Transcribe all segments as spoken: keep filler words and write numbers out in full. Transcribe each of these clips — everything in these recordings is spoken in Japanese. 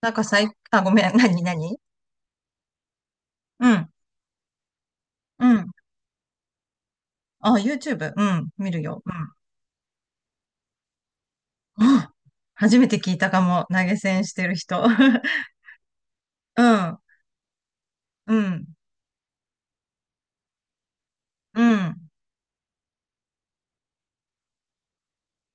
なんか最、あ、ごめん、何、何。うん、うん。あ、YouTube、うん、見るよ。うん。あ、初めて聞いたかも、投げ銭してる人。うん、うん、うん。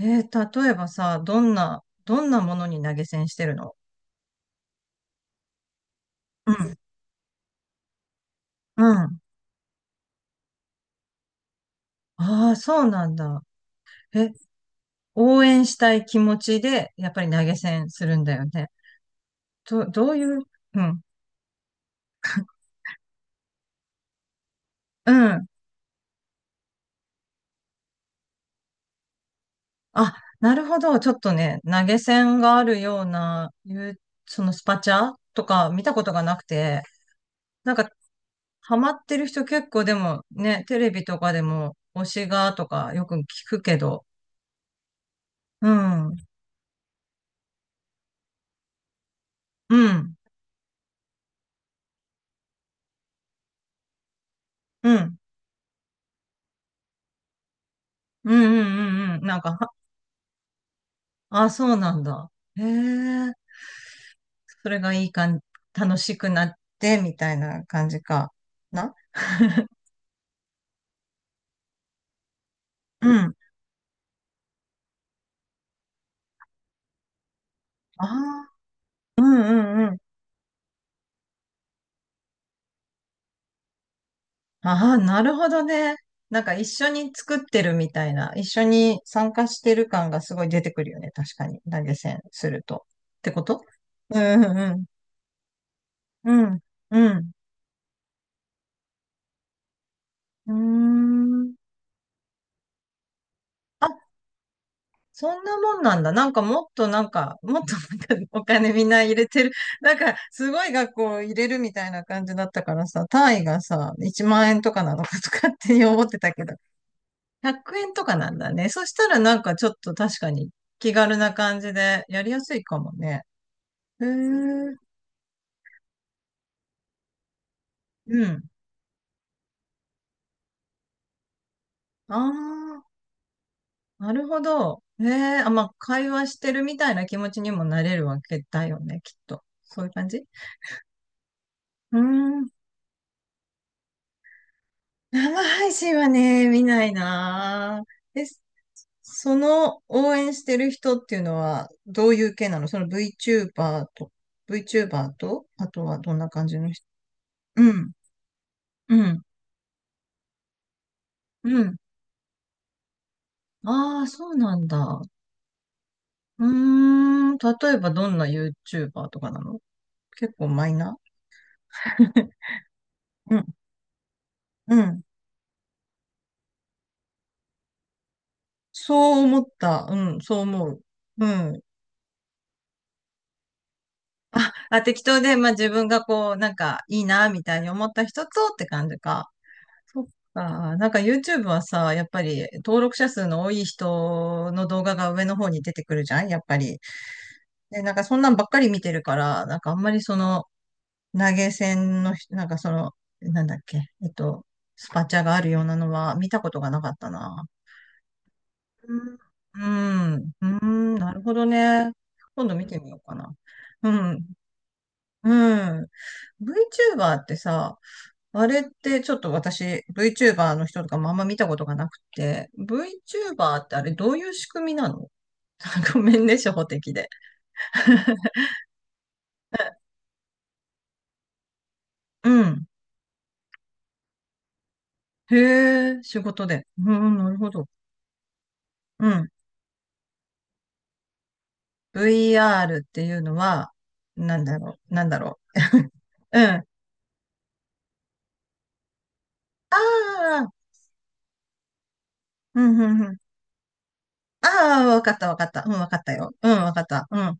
えー例えばさ、どんな、どんなものに投げ銭してるの？うん、うん。ああ、そうなんだ。え、応援したい気持ちで、やっぱり投げ銭するんだよね。ど、どういう、うん、うん。あ、なるほど。ちょっとね、投げ銭があるような、いう、そのスパチャとか見たことがなくて、なんか、ハマってる人結構でもね、テレビとかでも推しがとかよく聞くけど、うん、うん、うん、うん、うん、うん、うんなんか、は、あ、そうなんだ。へえ、それがいい感じ、楽しくなって、みたいな感じかな。うん。ああ、うん、うん、ああ、なるほどね。なんか一緒に作ってるみたいな、一緒に参加してる感がすごい出てくるよね。確かに。投げ銭すると。ってこと。うんうんうん。うん。うん。うーん。あ、そんなもんなんだ。なんかもっとなんか、もっとなんかお金みんな入れてる。なんかすごい額を入れるみたいな感じだったからさ、単位がさ、いちまん円とかなのかとかって思ってたけど。ひゃくえんとかなんだね。そしたらなんかちょっと確かに気軽な感じでやりやすいかもね。へえ、うん。ああ、なるほど。へえ、あ、まあ、会話してるみたいな気持ちにもなれるわけだよね、きっと。そういう感じ、うーん。生配信はね、見ないなー。え、その応援してる人っていうのはどういう系なの？その VTuber と、VTuber と、あとはどんな感じの人？うん、うん、うん。ああ、そうなんだ。うーん、例えばどんな YouTuber とかなの？結構マイナー。 うん、うん。そう思った。うん、そう思う。うん。あ、適当で、まあ自分がこう、なんかいいな、みたいに思った人とって感じか。そっか。なんか YouTube はさ、やっぱり登録者数の多い人の動画が上の方に出てくるじゃんやっぱり。で、なんかそんなんばっかり見てるから、なんかあんまりその、投げ銭のひ、なんかその、なんだっけ、えっと、スパチャがあるようなのは見たことがなかったな。うん、うん、うんなるほどね。今度見てみようかな。うん、うん。VTuber ってさ、あれってちょっと私、VTuber の人とかもあんま見たことがなくて、VTuber ってあれどういう仕組みなの？ ごめんね、初歩的で。うん。へえ、仕事で。うん、なるほど。うん。ブイアール っていうのは、なんだろう、なんだろう。うん。ああ、うん、うん、うん。ああ、わかった、わかった。うん、わかったよ。うん、わかった。うん。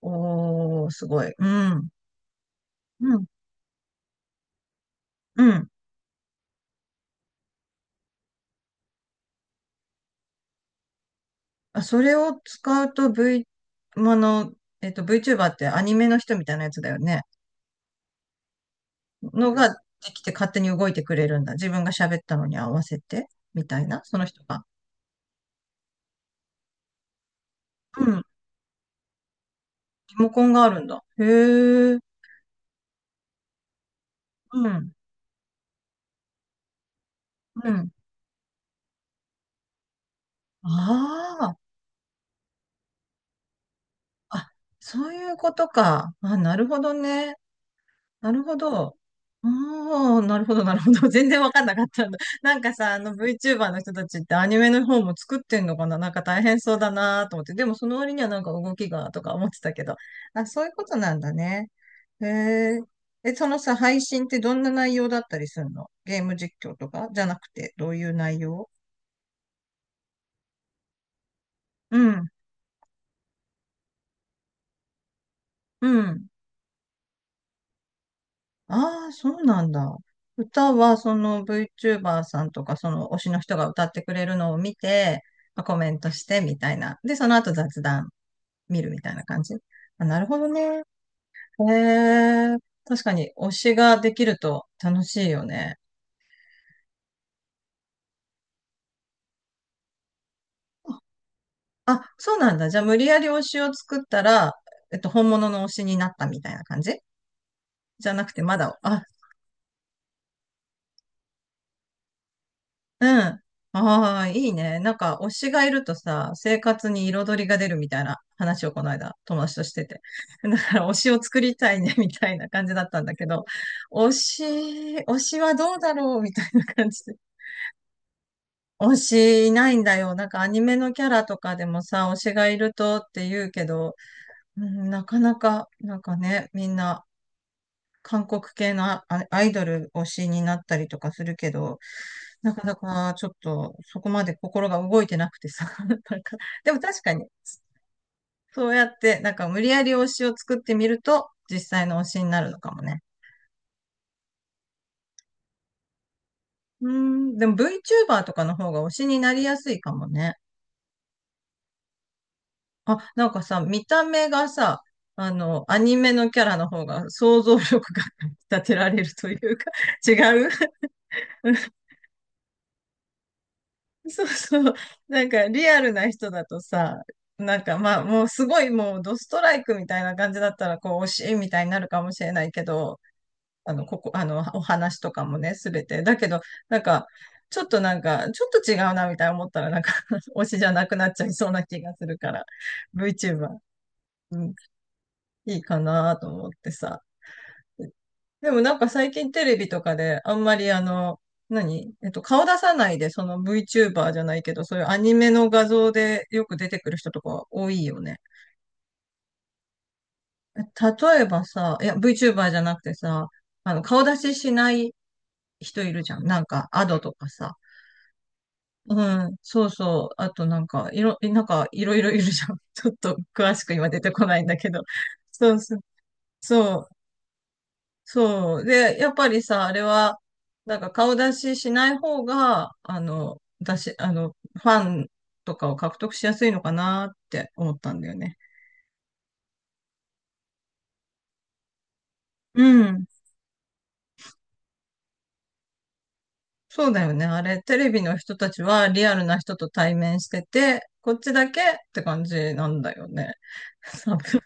おー、すごい。うん。うん、うん。あ、それを使うと V、あの、えっと、VTuber ってアニメの人みたいなやつだよね。のができて勝手に動いてくれるんだ。自分が喋ったのに合わせて、みたいな、その人が。うん。リモコンがあるんだ。へえ。うん。うん。ああ。あ、そういうことか。あ、なるほどね。なるほど。おー、なるほど、なるほど。全然わかんなかったんだ。なんかさ、あの VTuber の人たちってアニメの方も作ってんのかな、なんか大変そうだなと思って。でもその割にはなんか動きがとか思ってたけど。あ、そういうことなんだね。へえ。え、そのさ、配信ってどんな内容だったりするの？ゲーム実況とかじゃなくて、どういう内容？うん、うん。ああ、そうなんだ。歌はその VTuber さんとかその推しの人が歌ってくれるのを見て、まあコメントしてみたいな。で、その後雑談見るみたいな感じ。あ、なるほどね。へえ、確かに推しができると楽しいよね。あ、そうなんだ。じゃあ無理やり推しを作ったら、えっと、本物の推しになったみたいな感じじゃなくて、まだ、あ、うん。ああ、いいね。なんか、推しがいるとさ、生活に彩りが出るみたいな話をこの間、友達としてて。だから、推しを作りたいね、みたいな感じだったんだけど、推し、推しはどうだろうみたいな感じで。推しいないんだよ。なんか、アニメのキャラとかでもさ、推しがいるとって言うけど、うん、なかなか、なんかね、みんな韓国系のアアイドル推しになったりとかするけど、なかなかちょっとそこまで心が動いてなくてさ、なんか、でも確かに、そうやって、なんか無理やり推しを作ってみると、実際の推しになるのかもね。うーん、でも VTuber とかの方が推しになりやすいかもね。あ、なんかさ、見た目がさ、あの、アニメのキャラの方が想像力が 立てられるというか、違う。 そうそう。なんかリアルな人だとさ、なんかまあもうすごいもうドストライクみたいな感じだったらこう惜しいみたいになるかもしれないけど、あの、ここ、あの、お話とかもね、すべて。だけど、なんか、ちょっとなんか、ちょっと違うなみたいな思ったらなんか 推しじゃなくなっちゃいそうな気がするから、VTuber、うん、いいかなと思ってさ。でもなんか最近テレビとかであんまりあの、何、えっと、顔出さないでその VTuber じゃないけど、そういうアニメの画像でよく出てくる人とか多いよね。え、例えばさ、いや VTuber じゃなくてさ、あの、顔出ししない人いるじゃん。なんか、アドとかさ。うん、そうそう。あとなんか、いろ、なんかいろいろいるじゃん。ちょっと詳しく今出てこないんだけど。そうそう。そう。そう。で、やっぱりさ、あれは、なんか顔出ししない方が、あの、出し、あの、ファンとかを獲得しやすいのかなって思ったんだよね。うん。そうだよね。あれ、テレビの人たちはリアルな人と対面してて、こっちだけって感じなんだよね。多分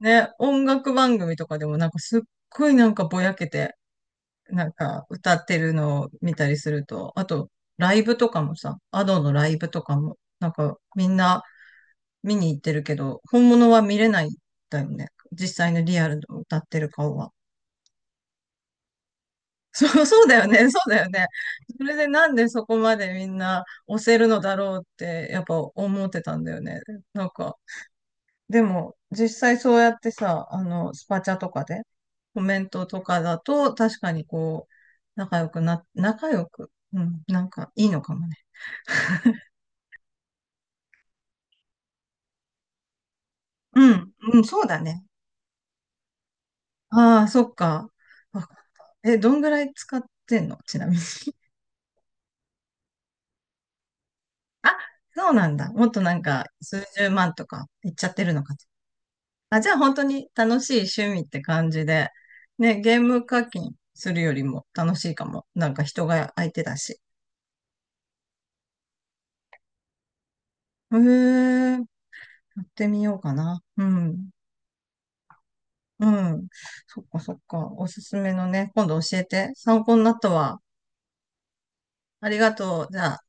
ね、音楽番組とかでもなんかすっごいなんかぼやけて、なんか歌ってるのを見たりすると、あとライブとかもさ、アドのライブとかも、なんかみんな見に行ってるけど、本物は見れないんだよね。実際のリアルの歌ってる顔は。そう、そうだよね、そうだよね。それでなんでそこまでみんな押せるのだろうってやっぱ思ってたんだよね。なんかでも、実際そうやってさ、あの、スパチャとかで、コメントとかだと、確かにこう、仲良くな、仲良く、うん、なんかいいのかもね。うん、うん、そうだね。ああ、そっか。わかった。え、どんぐらい使ってんの？ちなみに。あ、そうなんだ。もっとなんか、数十万とかいっちゃってるのかと。あ、じゃあ本当に楽しい趣味って感じで、ね、ゲーム課金するよりも楽しいかも。なんか人が相手だし。へえ、やってみようかな。うん。うん。そっかそっか。おすすめのね、今度教えて。参考になったわ。ありがとう。じゃあ。